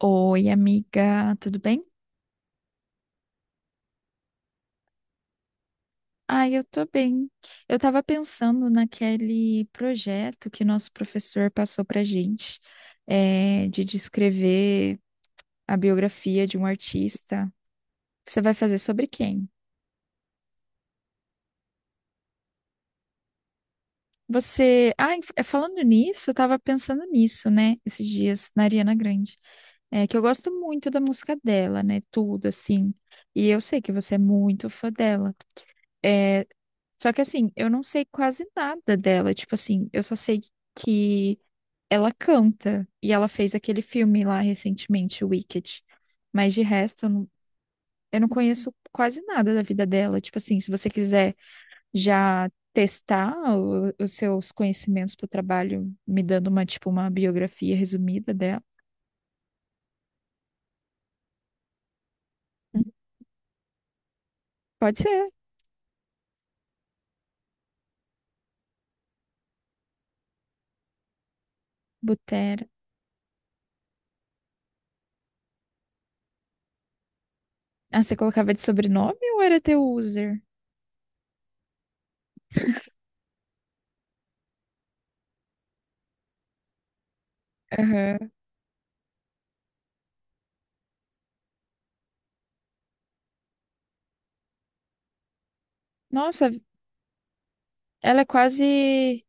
Oi, amiga, tudo bem? Ah, eu tô bem. Eu tava pensando naquele projeto que nosso professor passou pra gente, de descrever a biografia de um artista. Você vai fazer sobre quem? Você. Ah, falando nisso, eu tava pensando nisso, né, esses dias, na Ariana Grande. É que eu gosto muito da música dela, né, tudo, assim. E eu sei que você é muito fã dela. É. Só que assim, eu não sei quase nada dela. Tipo assim, eu só sei que ela canta e ela fez aquele filme lá recentemente, Wicked. Mas de resto, eu não conheço quase nada da vida dela. Tipo assim, se você quiser já testar os seus conhecimentos pro trabalho, me dando uma, tipo, uma biografia resumida dela. Hum, pode ser. Butera. Ah, você colocava de sobrenome ou era teu user? Aham. Nossa, ela é quase.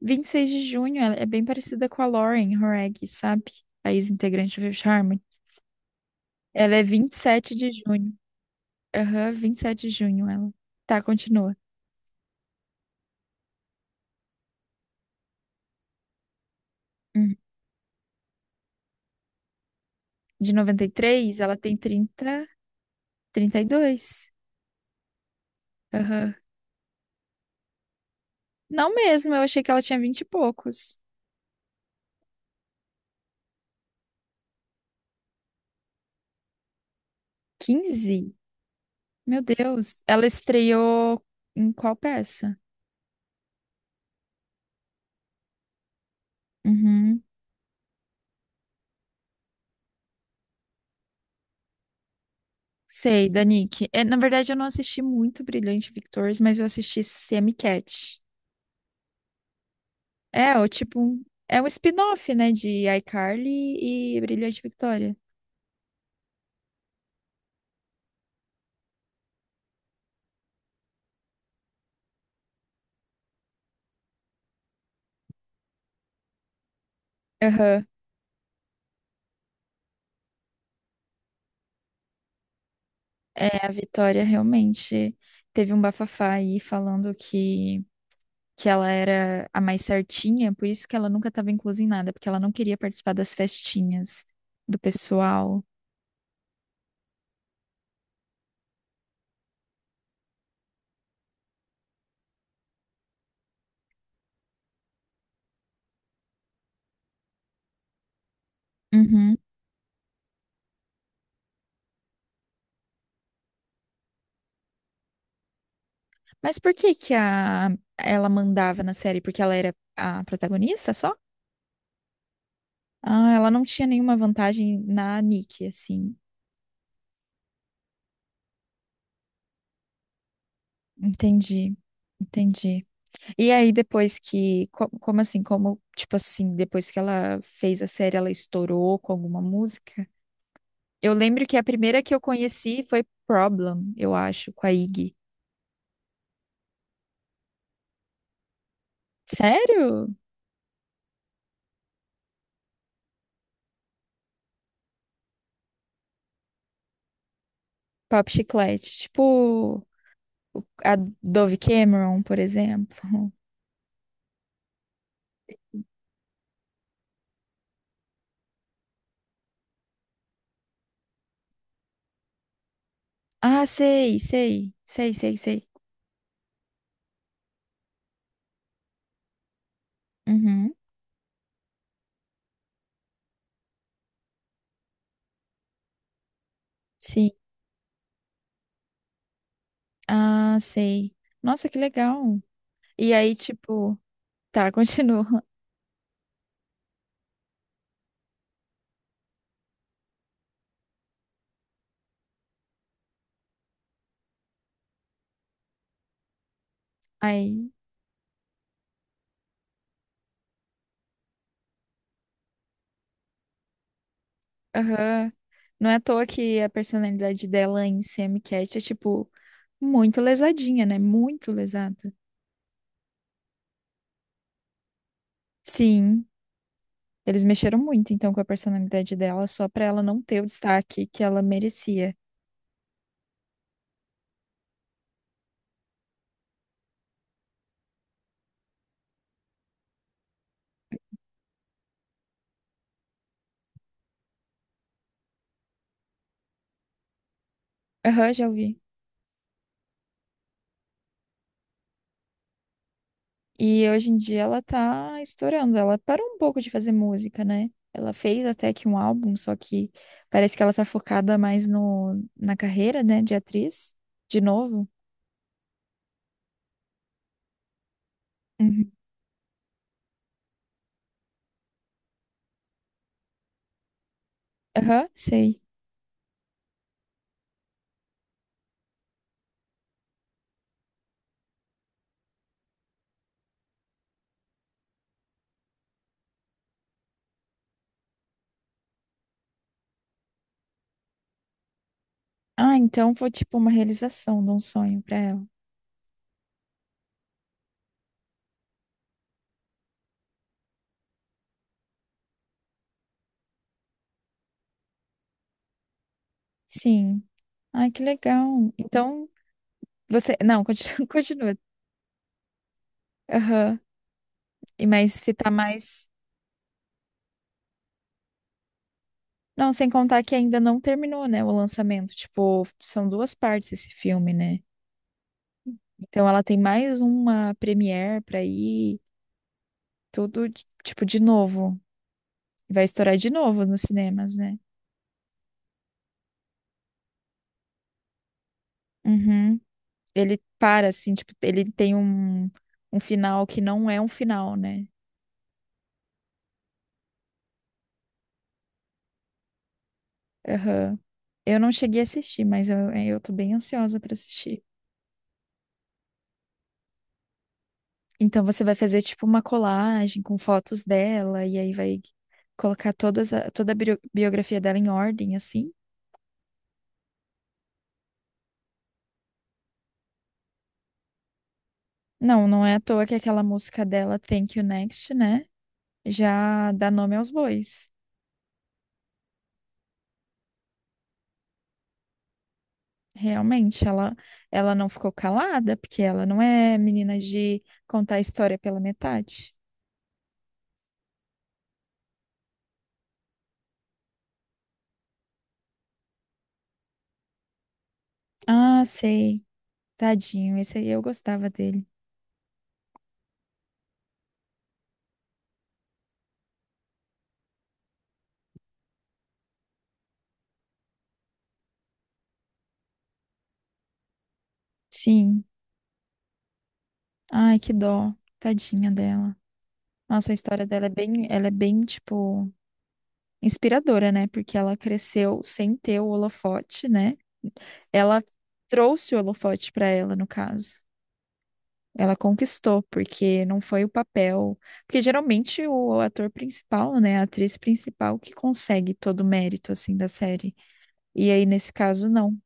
26 de junho, ela é bem parecida com a Lauren Horag, sabe? A ex-integrante do Fifth Harmony. Ela é 27 de junho. Aham, 27 de junho ela. Tá, continua. Hum. De 93 ela tem 30, 32. Aham. Não mesmo, eu achei que ela tinha 20 e poucos. 15. Meu Deus. Ela estreou em qual peça? Uhum. Sei, da Nick. É, na verdade, eu não assisti muito Brilhante Victors, mas eu assisti Semi-Cat. É, o tipo, é um spin-off, né, de iCarly e Brilhante Victória. Aham. É, a Vitória realmente teve um bafafá aí falando que ela era a mais certinha, por isso que ela nunca estava inclusa em nada, porque ela não queria participar das festinhas do pessoal. Uhum. Mas por que que ela mandava na série? Porque ela era a protagonista só? Ah, ela não tinha nenhuma vantagem na Nick, assim. Entendi, entendi. E aí. Como assim? Como, tipo assim, depois que ela fez a série, ela estourou com alguma música? Eu lembro que a primeira que eu conheci foi Problem, eu acho, com a Iggy. Sério? Pop Chiclete. Tipo, a Dove Cameron, por exemplo. Ah, sei, sei. Sei, sei, sei. Uhum, sim. Ah, sei. Nossa, que legal. E aí, tipo. Tá, continua. Aí. Aham. Não é à toa que a personalidade dela em Sam Cat é, tipo, muito lesadinha, né? Muito lesada. Sim, eles mexeram muito, então, com a personalidade dela, só pra ela não ter o destaque que ela merecia. Aham, já ouvi. E hoje em dia ela tá estourando. Ela parou um pouco de fazer música, né? Ela fez até que um álbum, só que parece que ela tá focada mais no, na carreira, né, de atriz, de novo. Uhum. Aham, sei. Ah, então foi tipo uma realização de um sonho para ela. Sim. Ai, que legal. Então, você. Não, continua. continua. Aham. E mas fitar mais. Não, sem contar que ainda não terminou, né, o lançamento. Tipo, são duas partes esse filme, né? Então ela tem mais uma premiere pra ir, tudo, tipo, de novo. Vai estourar de novo nos cinemas, né? Uhum. Ele para, assim, tipo, ele tem um final que não é um final, né? Aham. Eu não cheguei a assistir, mas eu tô bem ansiosa pra assistir. Então você vai fazer tipo uma colagem com fotos dela e aí vai colocar toda a biografia dela em ordem, assim? Não, não é à toa que aquela música dela, Thank You Next, né? Já dá nome aos bois. Realmente, ela não ficou calada, porque ela não é menina de contar a história pela metade. Ah, sei. Tadinho, esse aí eu gostava dele. Sim. Ai, que dó. Tadinha dela. Nossa, a história dela é bem, ela é bem, tipo, inspiradora, né? Porque ela cresceu sem ter o holofote, né? Ela trouxe o holofote pra ela, no caso. Ela conquistou, porque não foi o papel. Porque geralmente o ator principal, né? A atriz principal que consegue todo o mérito, assim, da série. E aí, nesse caso, não.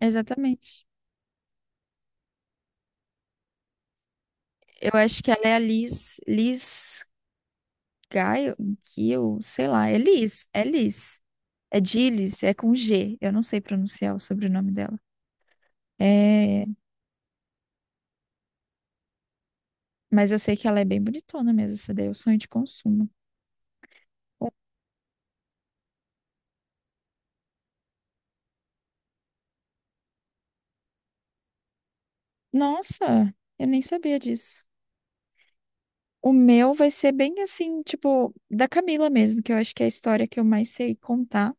Exatamente. Eu acho que ela é a Liz, Liz Gaio, Gil, sei lá, é Liz, é Liz. É Gilles, é com G. Eu não sei pronunciar o sobrenome dela. É, mas eu sei que ela é bem bonitona mesmo, essa daí é o sonho de consumo. O- Nossa, eu nem sabia disso. O meu vai ser bem assim, tipo, da Camila mesmo, que eu acho que é a história que eu mais sei contar,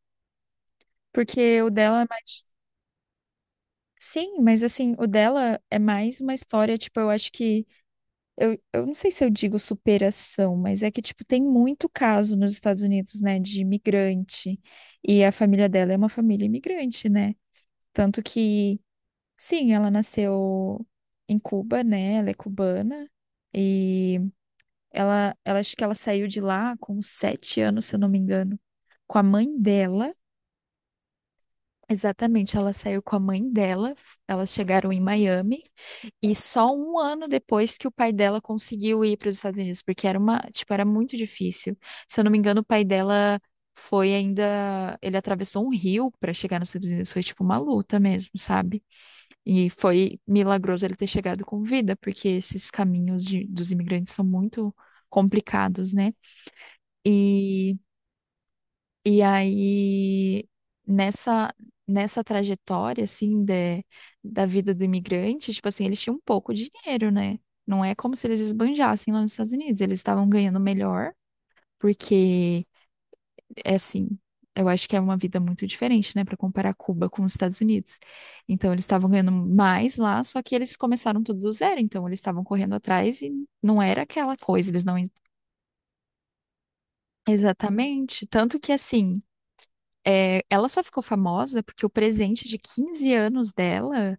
porque o dela é mais. Sim, mas assim, o dela é mais uma história, tipo, eu acho que eu não sei se eu digo superação, mas é que, tipo, tem muito caso nos Estados Unidos, né, de imigrante. E a família dela é uma família imigrante, né? Tanto que, sim, ela nasceu em Cuba, né? Ela é cubana. E acho que ela saiu de lá com 7 anos, se eu não me engano, com a mãe dela. Exatamente, ela saiu com a mãe dela, elas chegaram em Miami, e só um ano depois que o pai dela conseguiu ir para os Estados Unidos, porque era uma, tipo, era muito difícil. Se eu não me engano, o pai dela foi ainda, ele atravessou um rio para chegar nos Estados Unidos, foi tipo uma luta mesmo, sabe? E foi milagroso ele ter chegado com vida, porque esses caminhos dos imigrantes são muito complicados, né? E e aí, nessa, nessa trajetória, assim, de, da vida do imigrante, tipo assim, eles tinham pouco dinheiro, né? Não é como se eles esbanjassem lá nos Estados Unidos. Eles estavam ganhando melhor, porque, é assim, eu acho que é uma vida muito diferente, né? Para comparar Cuba com os Estados Unidos. Então, eles estavam ganhando mais lá, só que eles começaram tudo do zero. Então, eles estavam correndo atrás e não era aquela coisa. Eles não. Exatamente. Tanto que, assim. É, ela só ficou famosa porque o presente de 15 anos dela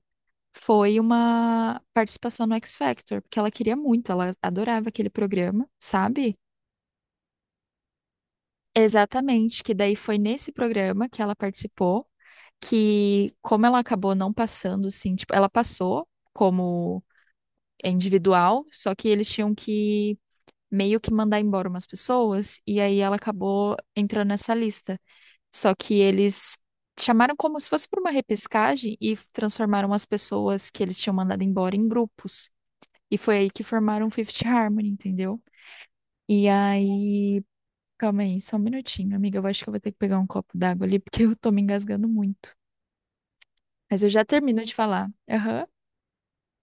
foi uma participação no X Factor, porque ela queria muito, ela adorava aquele programa, sabe? Exatamente, que daí foi nesse programa que ela participou, que como ela acabou não passando, assim, tipo, ela passou como individual, só que eles tinham que meio que mandar embora umas pessoas, e aí ela acabou entrando nessa lista. Só que eles chamaram como se fosse por uma repescagem e transformaram as pessoas que eles tinham mandado embora em grupos. E foi aí que formaram o Fifth Harmony, entendeu? E aí. Calma aí, só um minutinho, amiga. Eu acho que eu vou ter que pegar um copo d'água ali, porque eu tô me engasgando muito. Mas eu já termino de falar. Aham.